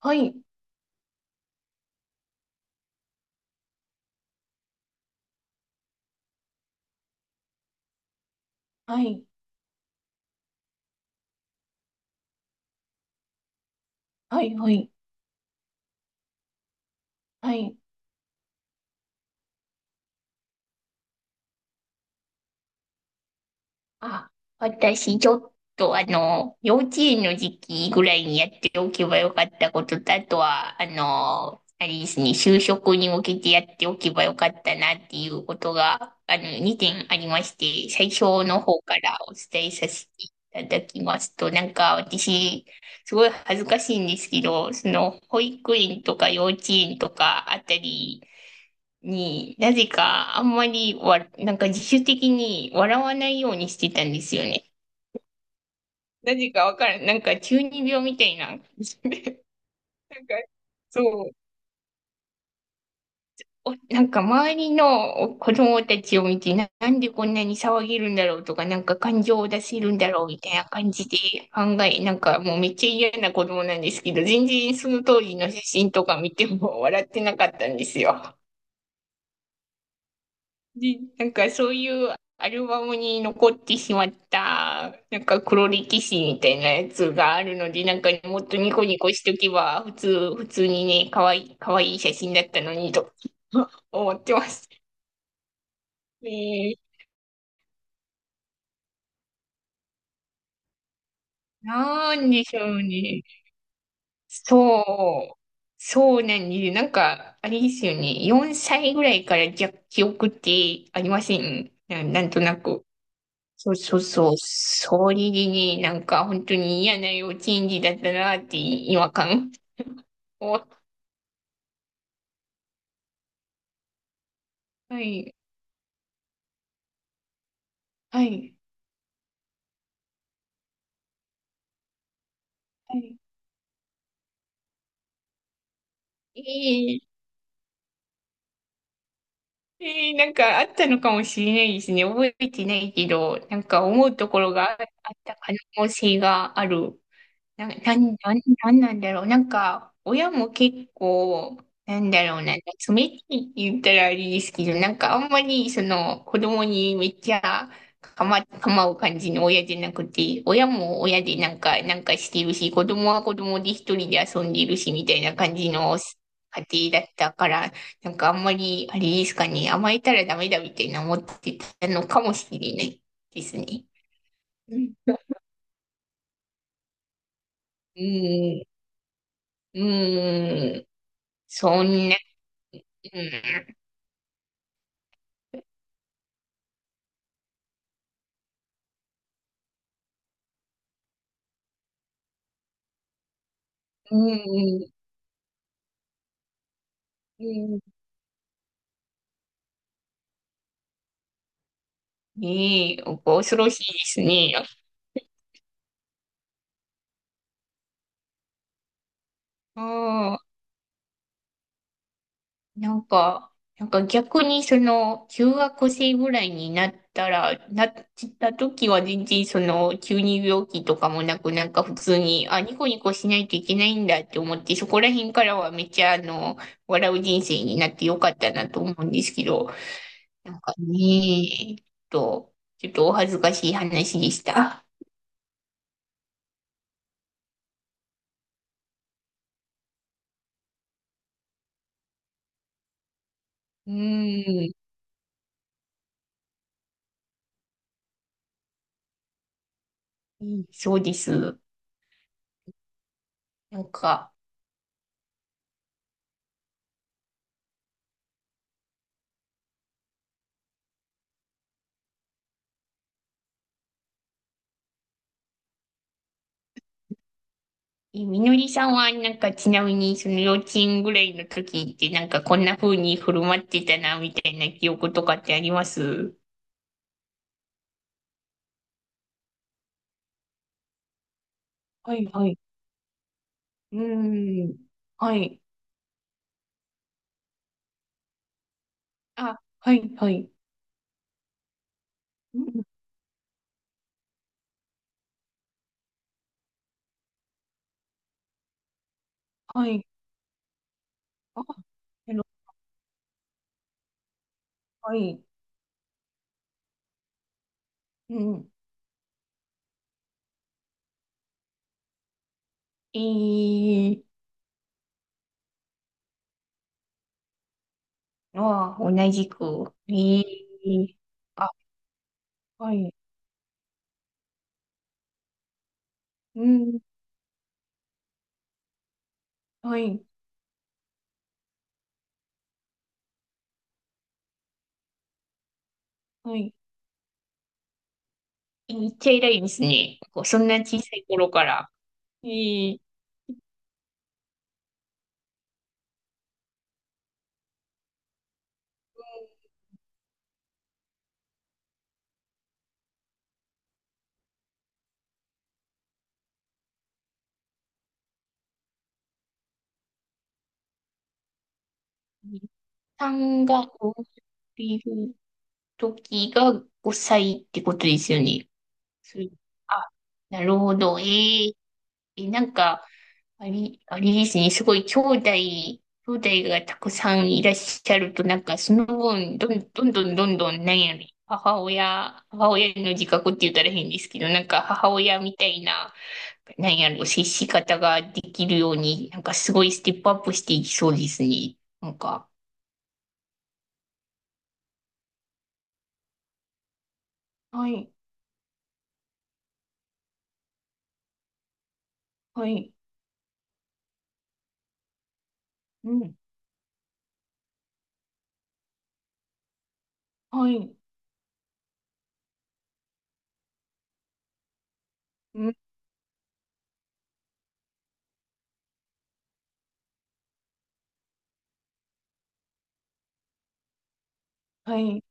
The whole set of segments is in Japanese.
はい、はい、はい、はい、はい。あ、私、ちょっと、幼稚園の時期ぐらいにやっておけばよかったことと、あとは、あれですね、就職に向けてやっておけばよかったなっていうことが、2点ありまして、最初の方からお伝えさせていただきますと、なんか、私、すごい恥ずかしいんですけど、その保育園とか幼稚園とかあたりになぜかあんまりなんか自主的に笑わないようにしてたんですよね。なぜかわからん、なんか中二病みたいな感じで、なんかそう、おなんか周りの子供たちを見て、なんでこんなに騒げるんだろうとか、なんか感情を出せるんだろうみたいな感じで考え、なんかもうめっちゃ嫌な子供なんですけど、全然その当時の写真とか見ても 笑ってなかったんですよ。で、なんかそういうアルバムに残ってしまった、なんか黒歴史みたいなやつがあるので、なんかもっとニコニコしとけば、普通にね、かわいい写真だったのにと 思ってます。えなんでしょうね。そう。そうなんです。なんか、あれですよね。4歳ぐらいからじゃ記憶ってありませんな、なんとなく。そうそうそう。それでね、なんか本当に嫌な幼稚園児だったなって違和感を。はい。はい。はい。ええええなんかあったのかもしれないですね。覚えてないけど、なんか思うところがあった可能性がある。な、な、な、なんなんだろう。なんか、親も結構、なんだろうな、冷たいって言ったらあれですけど、なんかあんまり、その、子供にめっちゃ構う感じの親じゃなくて、親も親でなんか、なんかしてるし、子供は子供で一人で遊んでるし、みたいな感じの家庭だったから、なんかあんまり、あれですかね、甘えたらダメだみたいな思ってたのかもしれないですね。うん。うん。うん。そんな、うん、うん、うん、いい、恐ろしいですね。ああなんか、なんか逆にその、中学生ぐらいになったら、なった時は全然その、急に病気とかもなく、なんか普通に、あ、ニコニコしないといけないんだって思って、そこら辺からはめっちゃあの、笑う人生になってよかったなと思うんですけど、なんかねえ、ちょっとお恥ずかしい話でした。うーん、うんそうです。なんか、え、みのりさんは、なんか、ちなみに、その幼稚園ぐらいの時って、なんか、こんな風に振る舞ってたな、みたいな記憶とかってありますはい、はい。うーん。はい。あ、はい、はい。うん、はい。あ、なるほどはい。うん。えー、あ、同じく。えー、あ、はい。うん、はい、はい。えめっちゃ偉いですね。こうそんな小さい頃から。えー、さんがおいる時が5歳ってことですよね。そうあ、なるほど。えー、え、なんか、あれですね。すごい兄弟がたくさんいらっしゃると、なんかその分、どんどん、なんやろね、母親の自覚って言ったら変ですけど、なんか母親みたいな、なんやろ、接し方ができるように、なんかすごいステップアップしていきそうですね。なんか。はい、はい、うん。はい、うん。はい。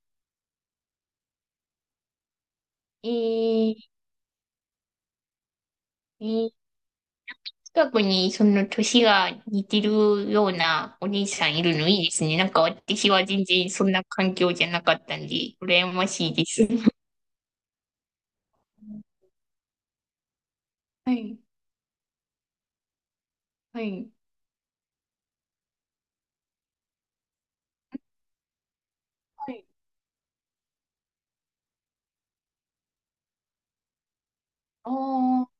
えー、えー、近くにその年が似てるようなお兄さんいるのいいですね。なんか私は全然そんな環境じゃなかったんで、羨ましいです。はい、はい、はい。ああ、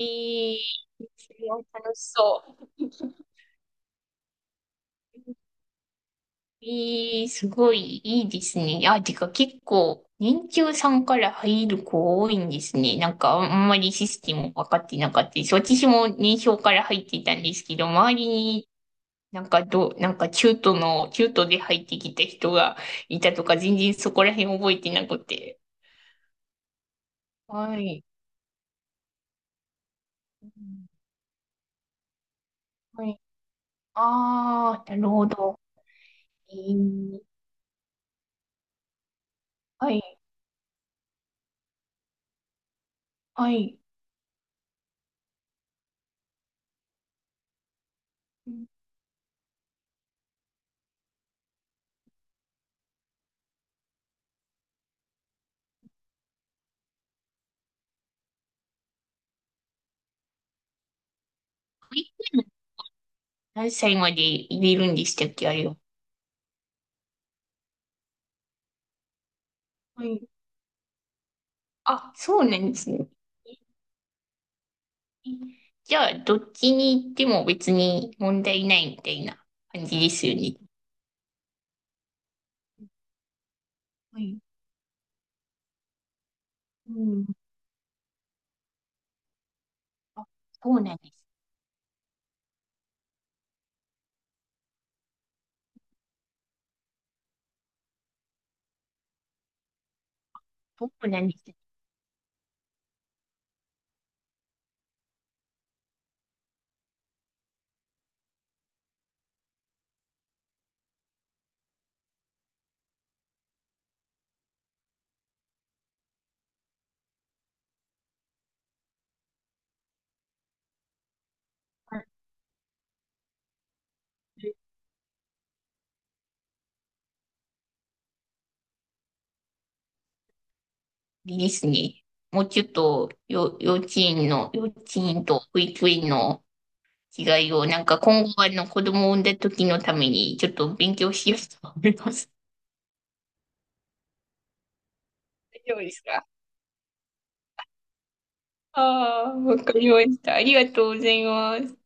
えー、それは楽しそう。ええ、すごいいいですね。あ、てか結構、年中さんから入る子多いんですね。なんかあんまりシステム分かってなかったです。私も年少から入っていたんですけど、周りになんかどう、なんか中途で入ってきた人がいたとか、全然そこら辺覚えてなくて。はい。うんはい。ああ、なるほど。えーはい、はい。何歳まで入れるんでしたっけ、あれは。はいあ、そうなんですね。じゃあ、どっちに行っても別に問題ないみたいな感じですよね。はい。うん。あ、そうなんです。そうなんですね。いいですね。もうちょっと、よ、幼稚園の、幼稚園と保育園の違いを、なんか今後、あの、子供を産んだ時のために、ちょっと勉強しようと思います。大丈夫ですかああー、わかりました。ありがとうございます。